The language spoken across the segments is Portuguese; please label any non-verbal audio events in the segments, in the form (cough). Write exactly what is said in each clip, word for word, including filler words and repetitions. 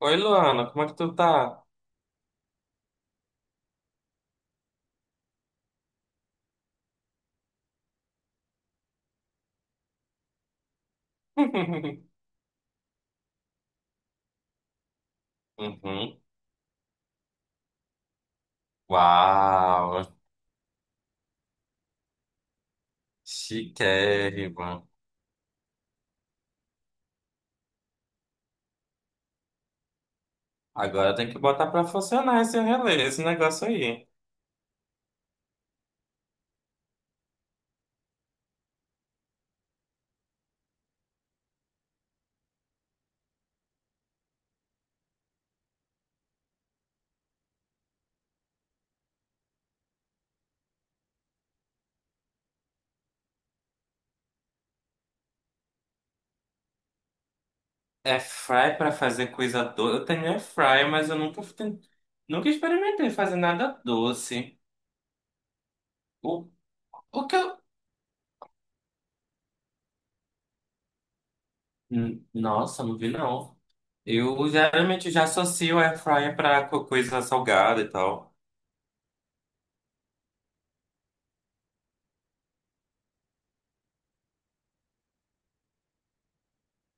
Oi, Luana, como é que tu tá? (laughs) Uhum. Uau, chiquérrima. Agora tem que botar pra funcionar esse relé, esse negócio aí. É fry pra fazer coisa doce. Eu tenho air fry, mas eu nunca, ten- nunca experimentei fazer nada doce. O, o que eu. Hum, Nossa, não vi não. Eu geralmente já associo air fryer pra co- coisa salgada e tal.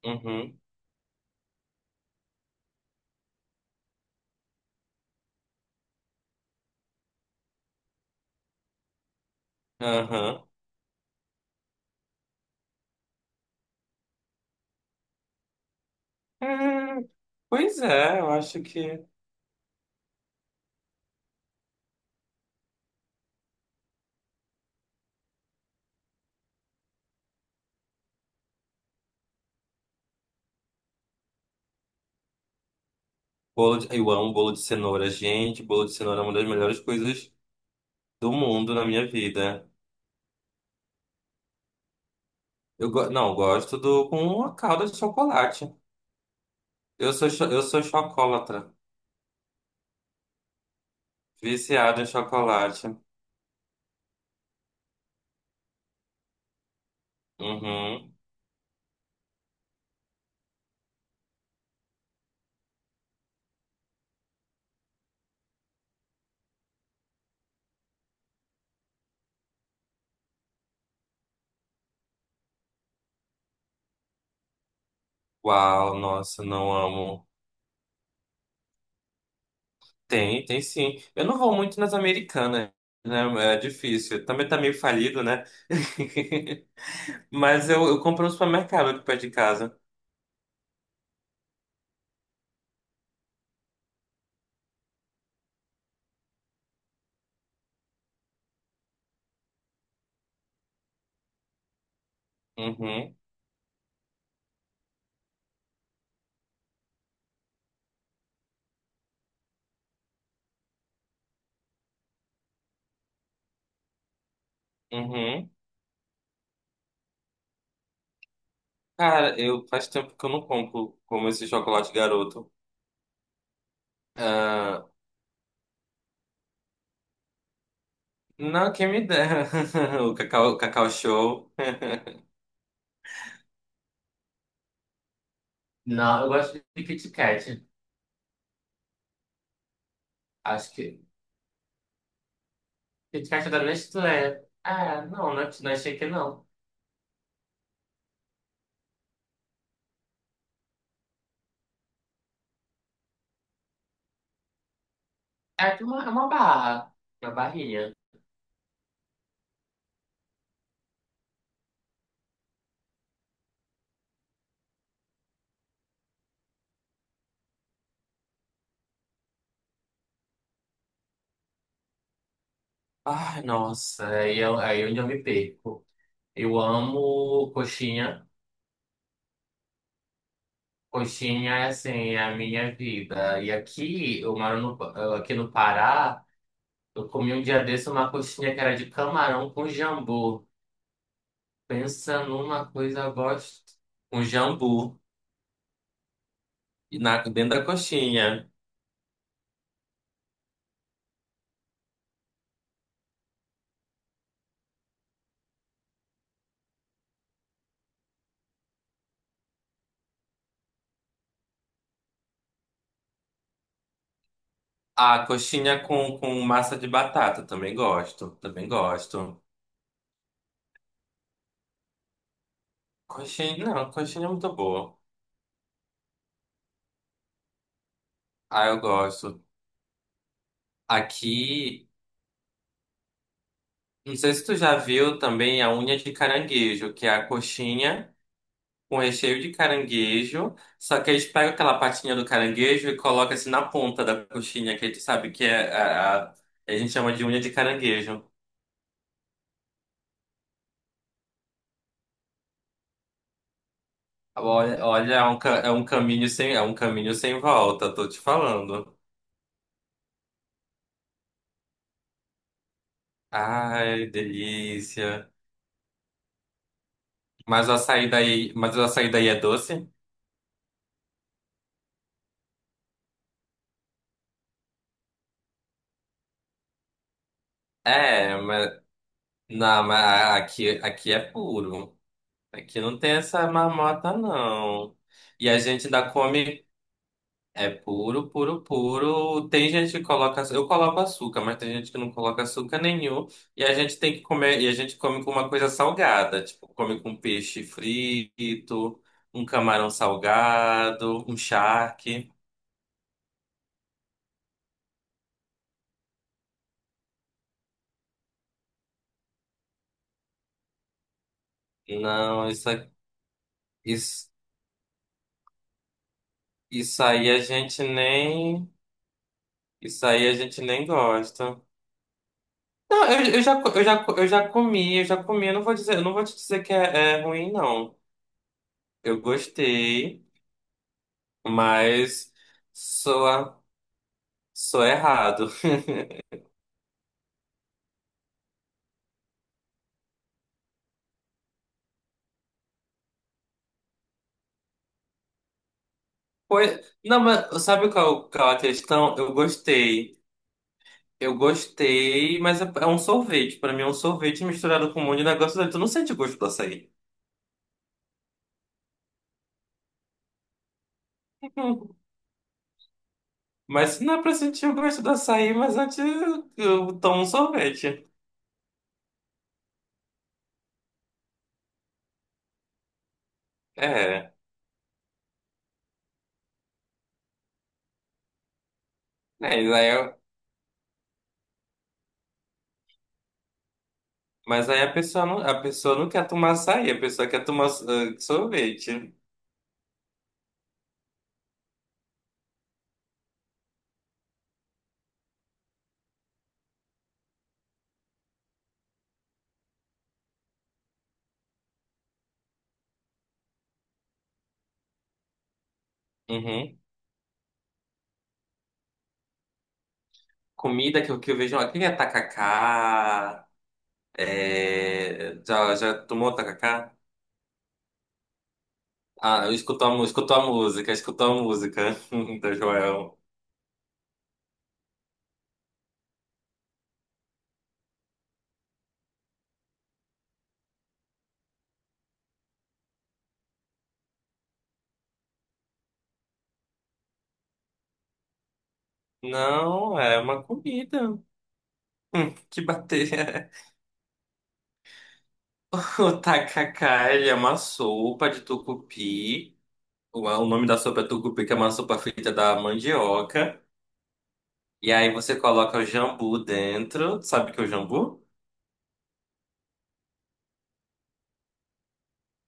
Uhum, aham. Hum, pois é, eu acho que. Bolo de, eu amo bolo de cenoura, gente. Bolo de cenoura é uma das melhores coisas do mundo na minha vida. Eu, go- não, eu gosto do com uma calda de chocolate. Eu sou, cho- eu sou chocolatra, viciado em chocolate. Uhum. Uau, nossa, não amo. Tem, tem sim. Eu não vou muito nas Americanas, né? É difícil. Também tá meio falido, né? (laughs) Mas eu, eu compro no supermercado aqui perto de casa. Uhum, uhum. Cara, eu faz tempo que eu não compro como esse chocolate Garoto. Ah, não, quem me dera. (laughs) O Cacau, o Cacau Show. Não. Kit Kat da Nestlé. Ah, não, não, é- não achei que não. É, ah, na Bahia. Ai, nossa, aí eu, aí onde eu me perco. Eu amo coxinha. Coxinha, é, assim, é a minha vida. E aqui, eu moro no, aqui no Pará, eu comi um dia desse uma coxinha que era de camarão com jambu. Pensa numa coisa gosto. Um jambu e na, dentro da coxinha. Ah, coxinha com, com massa de batata. Também gosto. Também gosto. Coxinha. Não, coxinha é muito boa. Ah, eu gosto. Aqui, não sei se tu já viu também a unha de caranguejo, que é a coxinha com recheio de caranguejo. Só que eles pegam aquela patinha do caranguejo e colocam assim na ponta da coxinha, que a gente sabe que é a, a, a gente chama de unha de caranguejo. Olha, olha, é um, ca- é um caminho sem, é um caminho sem volta, tô te falando. Ai, delícia. Mas o açaí daí, mas o açaí daí é doce? É, mas não, mas a- aqui, aqui é puro. Aqui não tem essa marmota, não. E a gente ainda come. É puro, puro, puro. Tem gente que coloca, eu coloco açúcar, mas tem gente que não coloca açúcar nenhum. E a gente tem que comer, e a gente come com uma coisa salgada, tipo, come com peixe frito, um camarão salgado, um charque. Não, isso, a- isso, isso aí a gente nem, isso aí a gente nem gosta. Não, eu, eu já, co- eu já, co- eu já comi, eu já comi. Eu não vou dizer, eu não vou te dizer que é, é ruim, não. Eu gostei, mas sou Sou errado. Pois, não, mas sabe qual, qual é a questão? Eu gostei. Eu gostei, mas é, é um sorvete. Pra mim é um sorvete misturado com um monte de negócio dentro. Tu não sente o gosto do açaí. (laughs) Mas se não é pra sentir o gosto do açaí, mas antes eu eu tomo um sorvete. É. É, e aí eu- mas aí a pessoa não, a pessoa não quer tomar açaí, a pessoa quer tomar ah, sorvete. Uhum. Comida que, eu- que eu vejo aqui é tacacá. É, já, já tomou tacacá? Ah, eu escuto a, mu- escuto a música, escuto a música (laughs) da Joel. Não, é uma comida. Hum, Que bater. (laughs) O tacacá, ele é uma sopa de tucupi. O o nome da sopa é tucupi, que é uma sopa feita da mandioca. E aí você coloca o jambu dentro. Sabe o que é o jambu?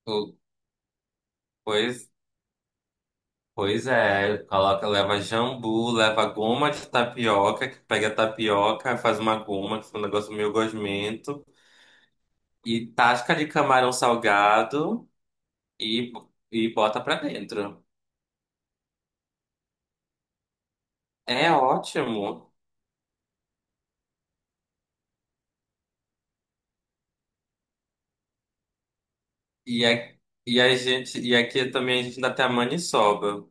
O- Pois, pois é. Coloca, leva jambu, leva goma de tapioca, que pega a tapioca, faz uma goma, que é um negócio meio gosmento. E tasca de camarão salgado e, e bota pra dentro. É ótimo. E, a- e a gente, e aqui também a gente ainda tem a maniçoba,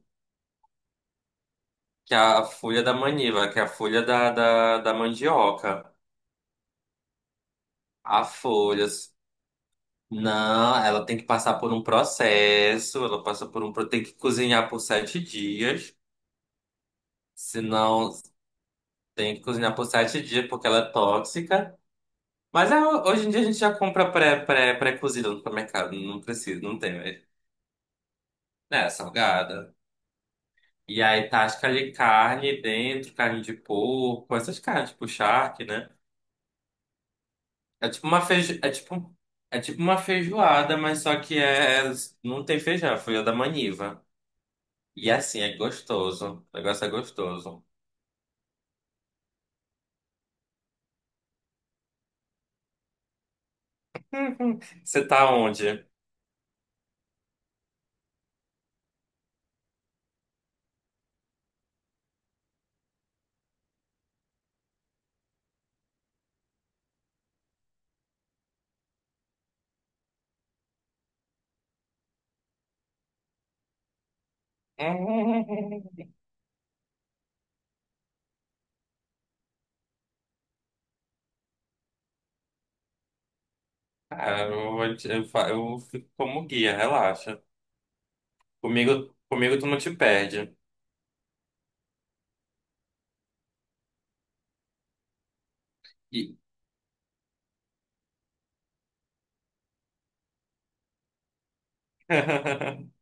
que é a folha da maniva, que é a folha da, da, da mandioca. A folhas. Não, ela tem que passar por um processo, ela passa por um, pro- tem que cozinhar por sete dias, senão tem que cozinhar por sete dias porque ela é tóxica. Mas é, hoje em dia a gente já compra pré, pré, pré-cozido no supermercado. Não precisa, não tem. mas, Né. É, salgada. E aí tasca de carne dentro, carne de porco, essas carnes, tipo charque, né? É tipo uma feijo... é tipo... é tipo uma feijoada, mas só que é... é, não tem feijão, foi a da maniva. E assim, é gostoso. O negócio é gostoso. (laughs) Você tá onde? (laughs) Ah, eu, vou te- eu, fa- eu fico como guia, relaxa. Comigo, comigo tu não te perde. (laughs)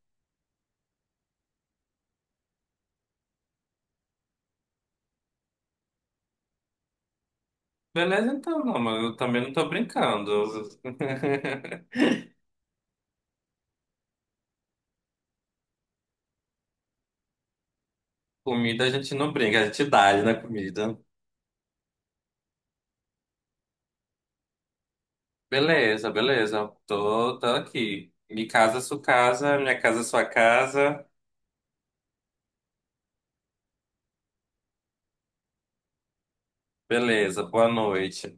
Beleza, então, não, mas eu também não tô brincando. (laughs) Comida a gente não brinca, a gente dá, né, comida. Beleza, beleza. Tô, tô aqui. Me casa, é sua casa, minha casa, é sua casa. Beleza, boa noite.